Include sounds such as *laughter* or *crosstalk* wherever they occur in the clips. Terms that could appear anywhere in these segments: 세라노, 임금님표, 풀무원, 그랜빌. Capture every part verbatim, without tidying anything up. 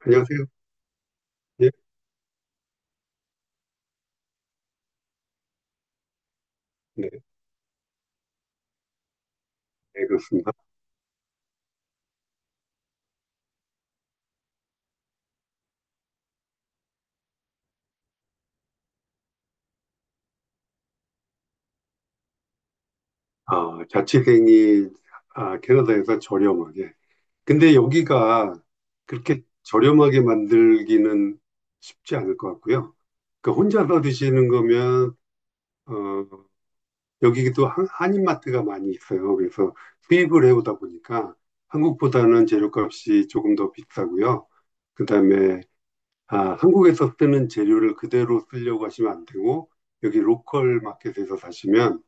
안녕하세요. 예, 네, 네, 그렇습니다. 아, 자취생이 아, 캐나다에서 저렴하게. 근데 여기가 그렇게 저렴하게 만들기는 쉽지 않을 것 같고요. 그 혼자서 드시는 거면 어, 여기도 한, 한인마트가 많이 있어요. 그래서 수입을 해오다 보니까 한국보다는 재료값이 조금 더 비싸고요. 그다음에 아, 한국에서 쓰는 재료를 그대로 쓰려고 하시면 안 되고 여기 로컬 마켓에서 사시면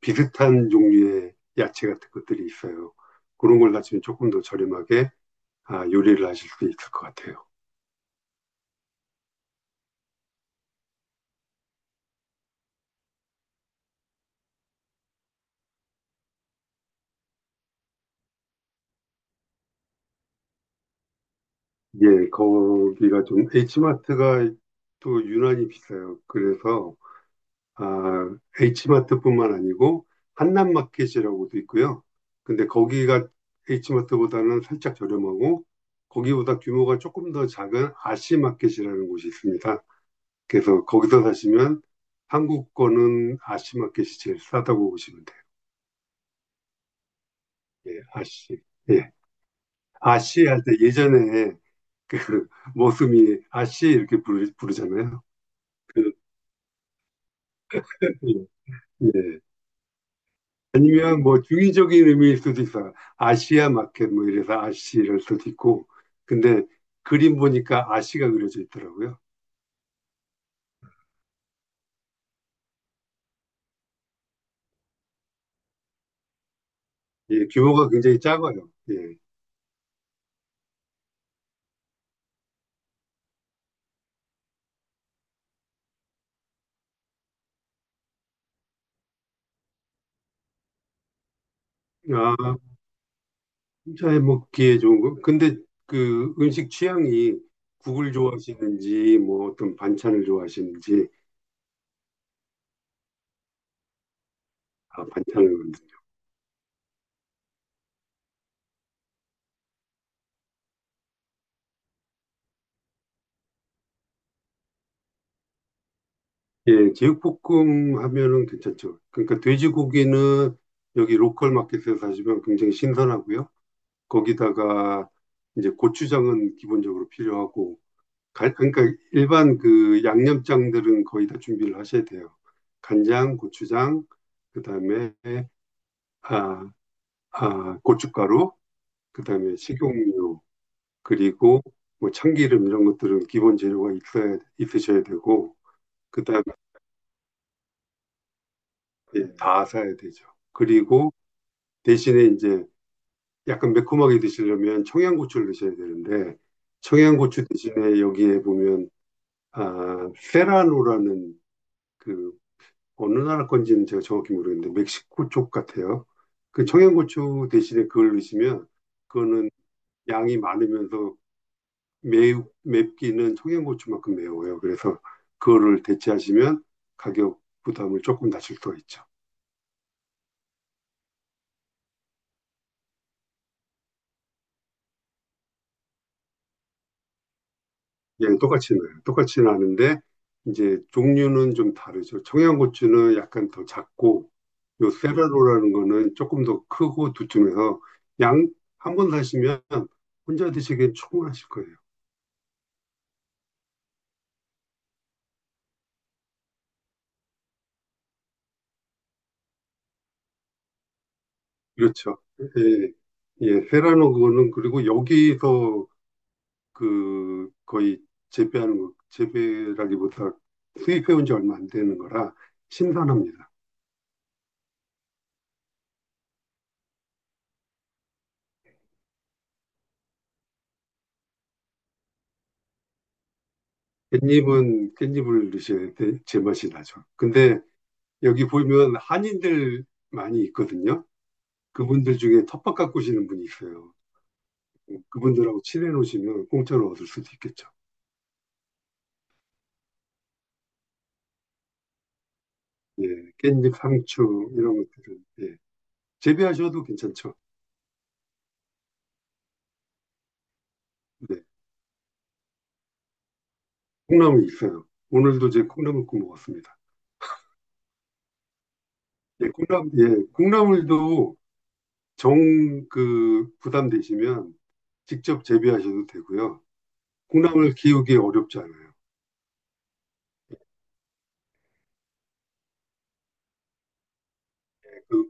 비슷한 종류의 야채 같은 것들이 있어요. 그런 걸 하시면 조금 더 저렴하게 아, 요리를 하실 수 있을 것 같아요. 예, 거기가 좀 H마트가 또 유난히 비싸요. 그래서 아, H마트뿐만 아니고 한남마켓이라고도 있고요. 근데 거기가 H마트보다는 살짝 저렴하고 거기보다 규모가 조금 더 작은 아시마켓이라는 곳이 있습니다. 그래서 거기서 사시면 한국 거는 아시마켓이 제일 싸다고 보시면 돼요. 예, 아씨. 예. 아씨 할 때 예전에 그 *laughs* 모습이 아씨 이렇게 부르, 부르잖아요. 그, 예. 예. 아니면 뭐 중의적인 의미일 수도 있어요. 아시아 마켓 뭐 이래서 아씨 이럴 수도 있고. 근데 그림 보니까 아씨가 그려져 있더라고요. 예, 규모가 굉장히 작아요. 예. 아, 혼 먹기에 좋은 거. 근데 그 음식 취향이 국을 좋아하시는지 뭐 어떤 반찬을 좋아하시는지 아, 반찬을 예, 제육볶음 하면은 괜찮죠. 그러니까 돼지고기는 여기 로컬 마켓에서 사시면 굉장히 신선하고요. 거기다가 이제 고추장은 기본적으로 필요하고, 갈- 그러니까 일반 그 양념장들은 거의 다 준비를 하셔야 돼요. 간장, 고추장, 그다음에 아, 아, 고춧가루, 그다음에 식용유, 그리고 뭐 참기름 이런 것들은 기본 재료가 있어야 있으셔야 되고, 그다음에 예, 다 사야 되죠. 그리고 대신에 이제 약간 매콤하게 드시려면 청양고추를 드셔야 되는데 청양고추 대신에 여기에 보면 아, 세라노라는 그 어느 나라 건지는 제가 정확히 모르겠는데 멕시코 쪽 같아요. 그 청양고추 대신에 그걸 넣으시면 그거는 양이 많으면서 매우 맵기는 청양고추만큼 매워요. 그래서 그거를 대체하시면 가격 부담을 조금 낮출 수가 있죠. 예, 똑같이 나요. 똑같이 나는데 이제 종류는 좀 다르죠. 청양고추는 약간 더 작고 요 세라로라는 거는 조금 더 크고 두툼해서 양 한 번 사시면 혼자 드시기엔 충분하실 거예요. 그렇죠. 예, 예, 세라노 그거는 그리고 여기서 그 거의 재배하는 거, 재배라기보다 수입해온 지 얼마 안 되는 거라 신선합니다. 깻잎은 깻잎을 넣으셔야 돼, 제맛이 나죠. 근데 여기 보면 한인들 많이 있거든요. 그분들 중에 텃밭 가꾸시는 분이 있어요. 그분들하고 친해 놓으시면 공짜로 얻을 수도 있겠죠. 예, 깻잎, 상추 이런 것들은 예, 재배하셔도 괜찮죠. 네, 콩나물 있어요. 오늘도 제 콩나물 구워 먹었습니다. 예, 콩나물, 예, 콩나물도 정 그 부담되시면 직접 재배하셔도 되고요. 콩나물 키우기 어렵지 않아요. 그,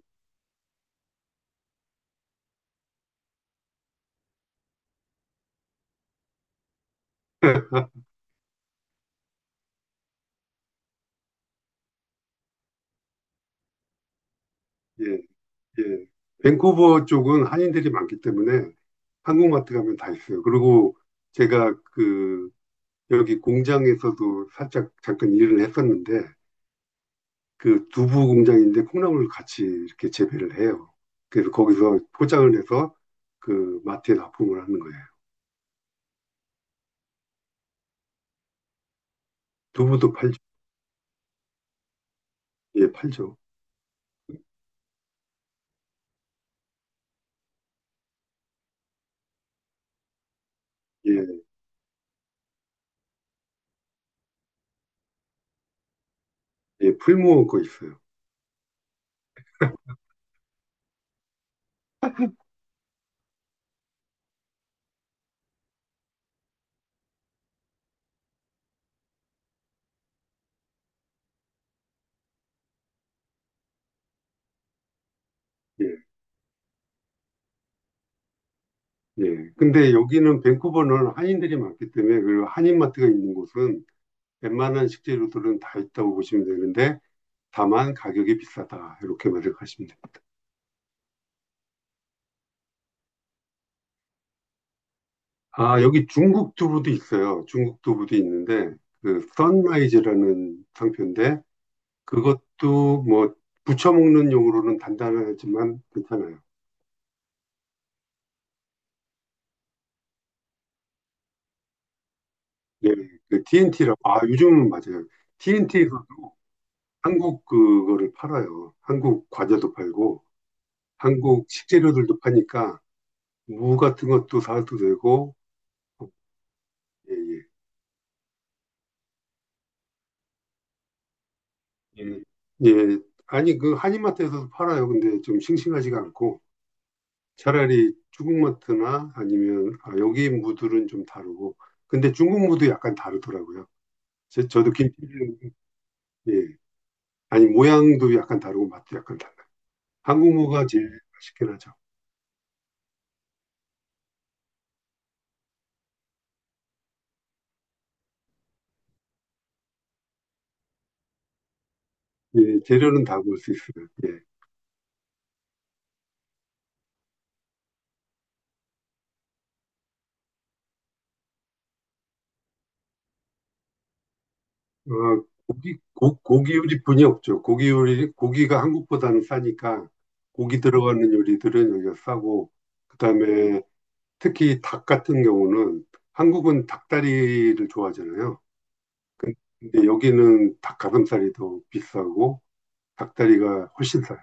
*laughs* 예, 예. 밴쿠버 쪽은 한인들이 많기 때문에 한국마트 가면 다 있어요. 그리고 제가 그 여기 공장에서도 살짝 잠깐 일을 했었는데 그 두부 공장인데 콩나물 같이 이렇게 재배를 해요. 그래서 거기서 포장을 해서 그 마트에 납품을 하는 거예요. 두부도 팔죠. 예, 팔죠. 예, 예, 풀무원 거 있어요. 예, 예. 근데 여기는 밴쿠버는 한인들이 많기 때문에 그 한인마트가 있는 곳은 웬만한 식재료들은 다 있다고 보시면 되는데 다만 가격이 비싸다. 이렇게 말을 하시면 됩니다. 아, 여기 중국 두부도 있어요. 중국 두부도 있는데, 그, 선라이즈라는 상표인데, 그것도 뭐, 부쳐 먹는 용으로는 단단하지만 괜찮아요. 예, 그 티엔티라고, 아, 요즘은 맞아요. 티엔티에서도 한국 그거를 팔아요. 한국 과자도 팔고, 한국 식재료들도 파니까, 무 같은 것도 사도 되고, 예, 예. 예, 예. 아니, 그 한인마트에서도 팔아요. 근데 좀 싱싱하지가 않고 차라리 중국마트나 아니면 아, 여기 무들은 좀 다르고 근데 중국 무도 약간 다르더라고요. 제- 저도 김치 예. 아니 모양도 약간 다르고 맛도 약간 달라요. 한국 무가 제일 맛있긴 하죠. 예, 재료는 다 볼 수 있어요. 예. 어, 고기 고, 고기 요리뿐이 없죠. 고기 요리 고기가 한국보다는 싸니까 고기 들어가는 요리들은 여기가 싸고 그다음에 특히 닭 같은 경우는 한국은 닭다리를 좋아하잖아요. 근데 여기는 닭 가슴살이 더 비싸고 닭다리가 훨씬 싸요.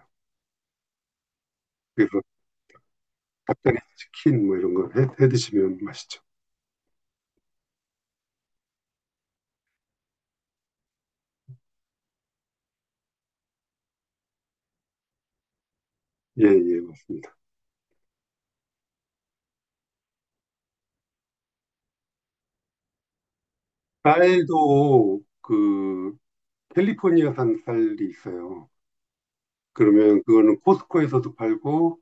그래서 닭다리 치킨 뭐 이런 거 해, 해 드시면 맛있죠. 예, 예, 맞습니다. 쌀도 그 캘리포니아산 쌀이 있어요. 그러면 그거는 코스코에서도 팔고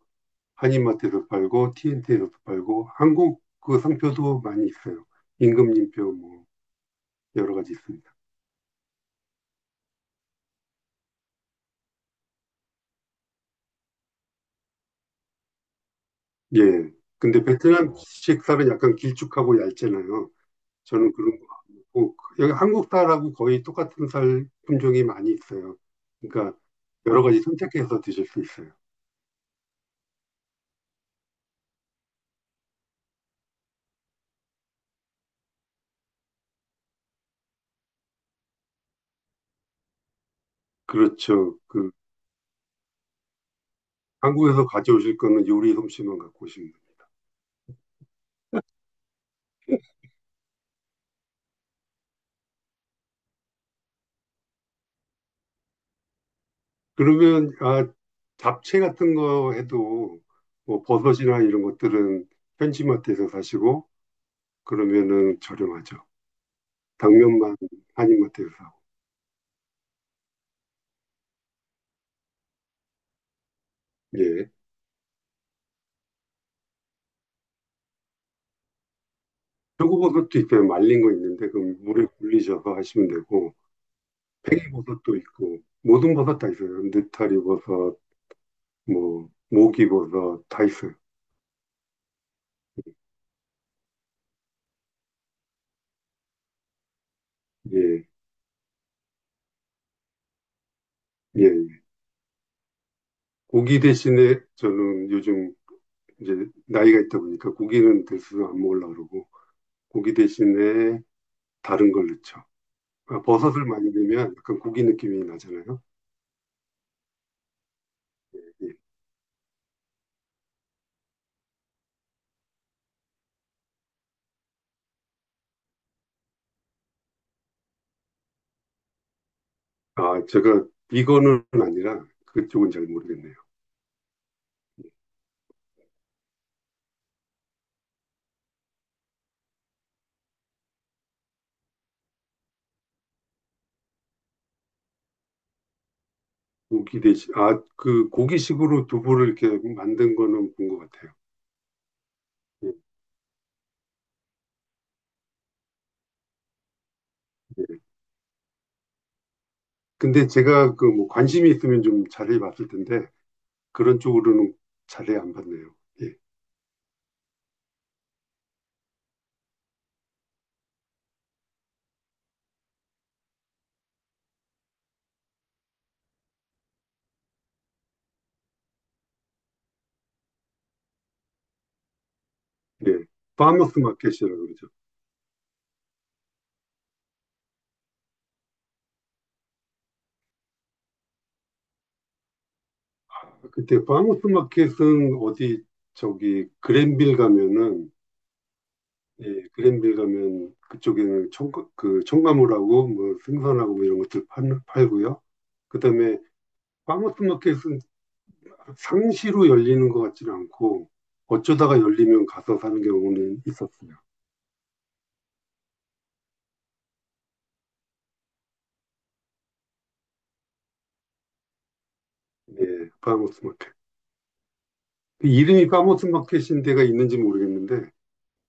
한인마트에서 팔고 티엔티에서도 팔고 한국 그 상표도 많이 있어요. 임금님표 뭐 여러 가지 있습니다. 예. 근데 베트남식 살은 약간 길쭉하고 얇잖아요. 저는 그런 거 안 먹고 여기 한국 쌀하고 거의 똑같은 쌀 품종이 많이 있어요. 그러니까 여러 가지 선택해서 드실 수 있어요. 그렇죠. 그 한국에서 가져오실 거는 요리 솜씨만 갖고 오시면 됩니다. 그러면 아 잡채 같은 거 해도 뭐 버섯이나 이런 것들은 현지마트에서 사시고 그러면은 저렴하죠. 당면만 한인마트에서 사고. 예. 표고버섯도 있어요. 말린 거 있는데 그 물에 굴리셔서 하시면 되고 버섯도 있고 모든 버섯 다 있어요. 느타리 버섯, 뭐 모기 버섯 다 있어요. 예, 예. 예. 고기 대신에 저는 요즘 이제 나이가 있다 보니까 고기는 대수로 안 먹으려고 그러고 고기 대신에 다른 걸 넣죠. 아, 버섯을 많이 넣으면 약간 고기 느낌이 나잖아요. 예. 아, 제가 비건은 아니라 그쪽은 잘 모르겠네요. 고기 대신, 아, 그 고기식으로 두부를 이렇게 만든 거는 본 것 같아요. 예, 예. 근데 제가 그 뭐 관심이 있으면 좀 자세히 봤을 텐데, 그런 쪽으로는 자세히 안 봤네요. 예, 예. 파머스 마켓이라고 그러죠. 그때 파머스 마켓은 어디, 저기, 그랜빌 가면은, 예, 그랜빌 가면 그쪽에는 청, 그 청가물하고 뭐 생선하고 뭐 이런 것들 팔, 팔고요. 그 다음에 파머스 마켓은 상시로 열리는 것 같지는 않고 어쩌다가 열리면 가서 사는 경우는 있었어요. 예, 파모스 마켓. 그 이름이 파모스 마켓인 데가 있는지 모르겠는데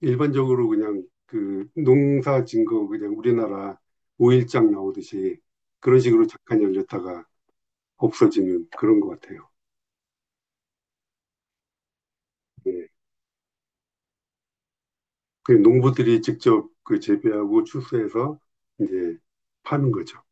일반적으로 그냥 그 농사 진거 그냥 우리나라 오일장 나오듯이 그런 식으로 잠깐 열렸다가 없어지는 그런 것 같아요. 예. 그 농부들이 직접 그 재배하고 추수해서 이제 파는 거죠.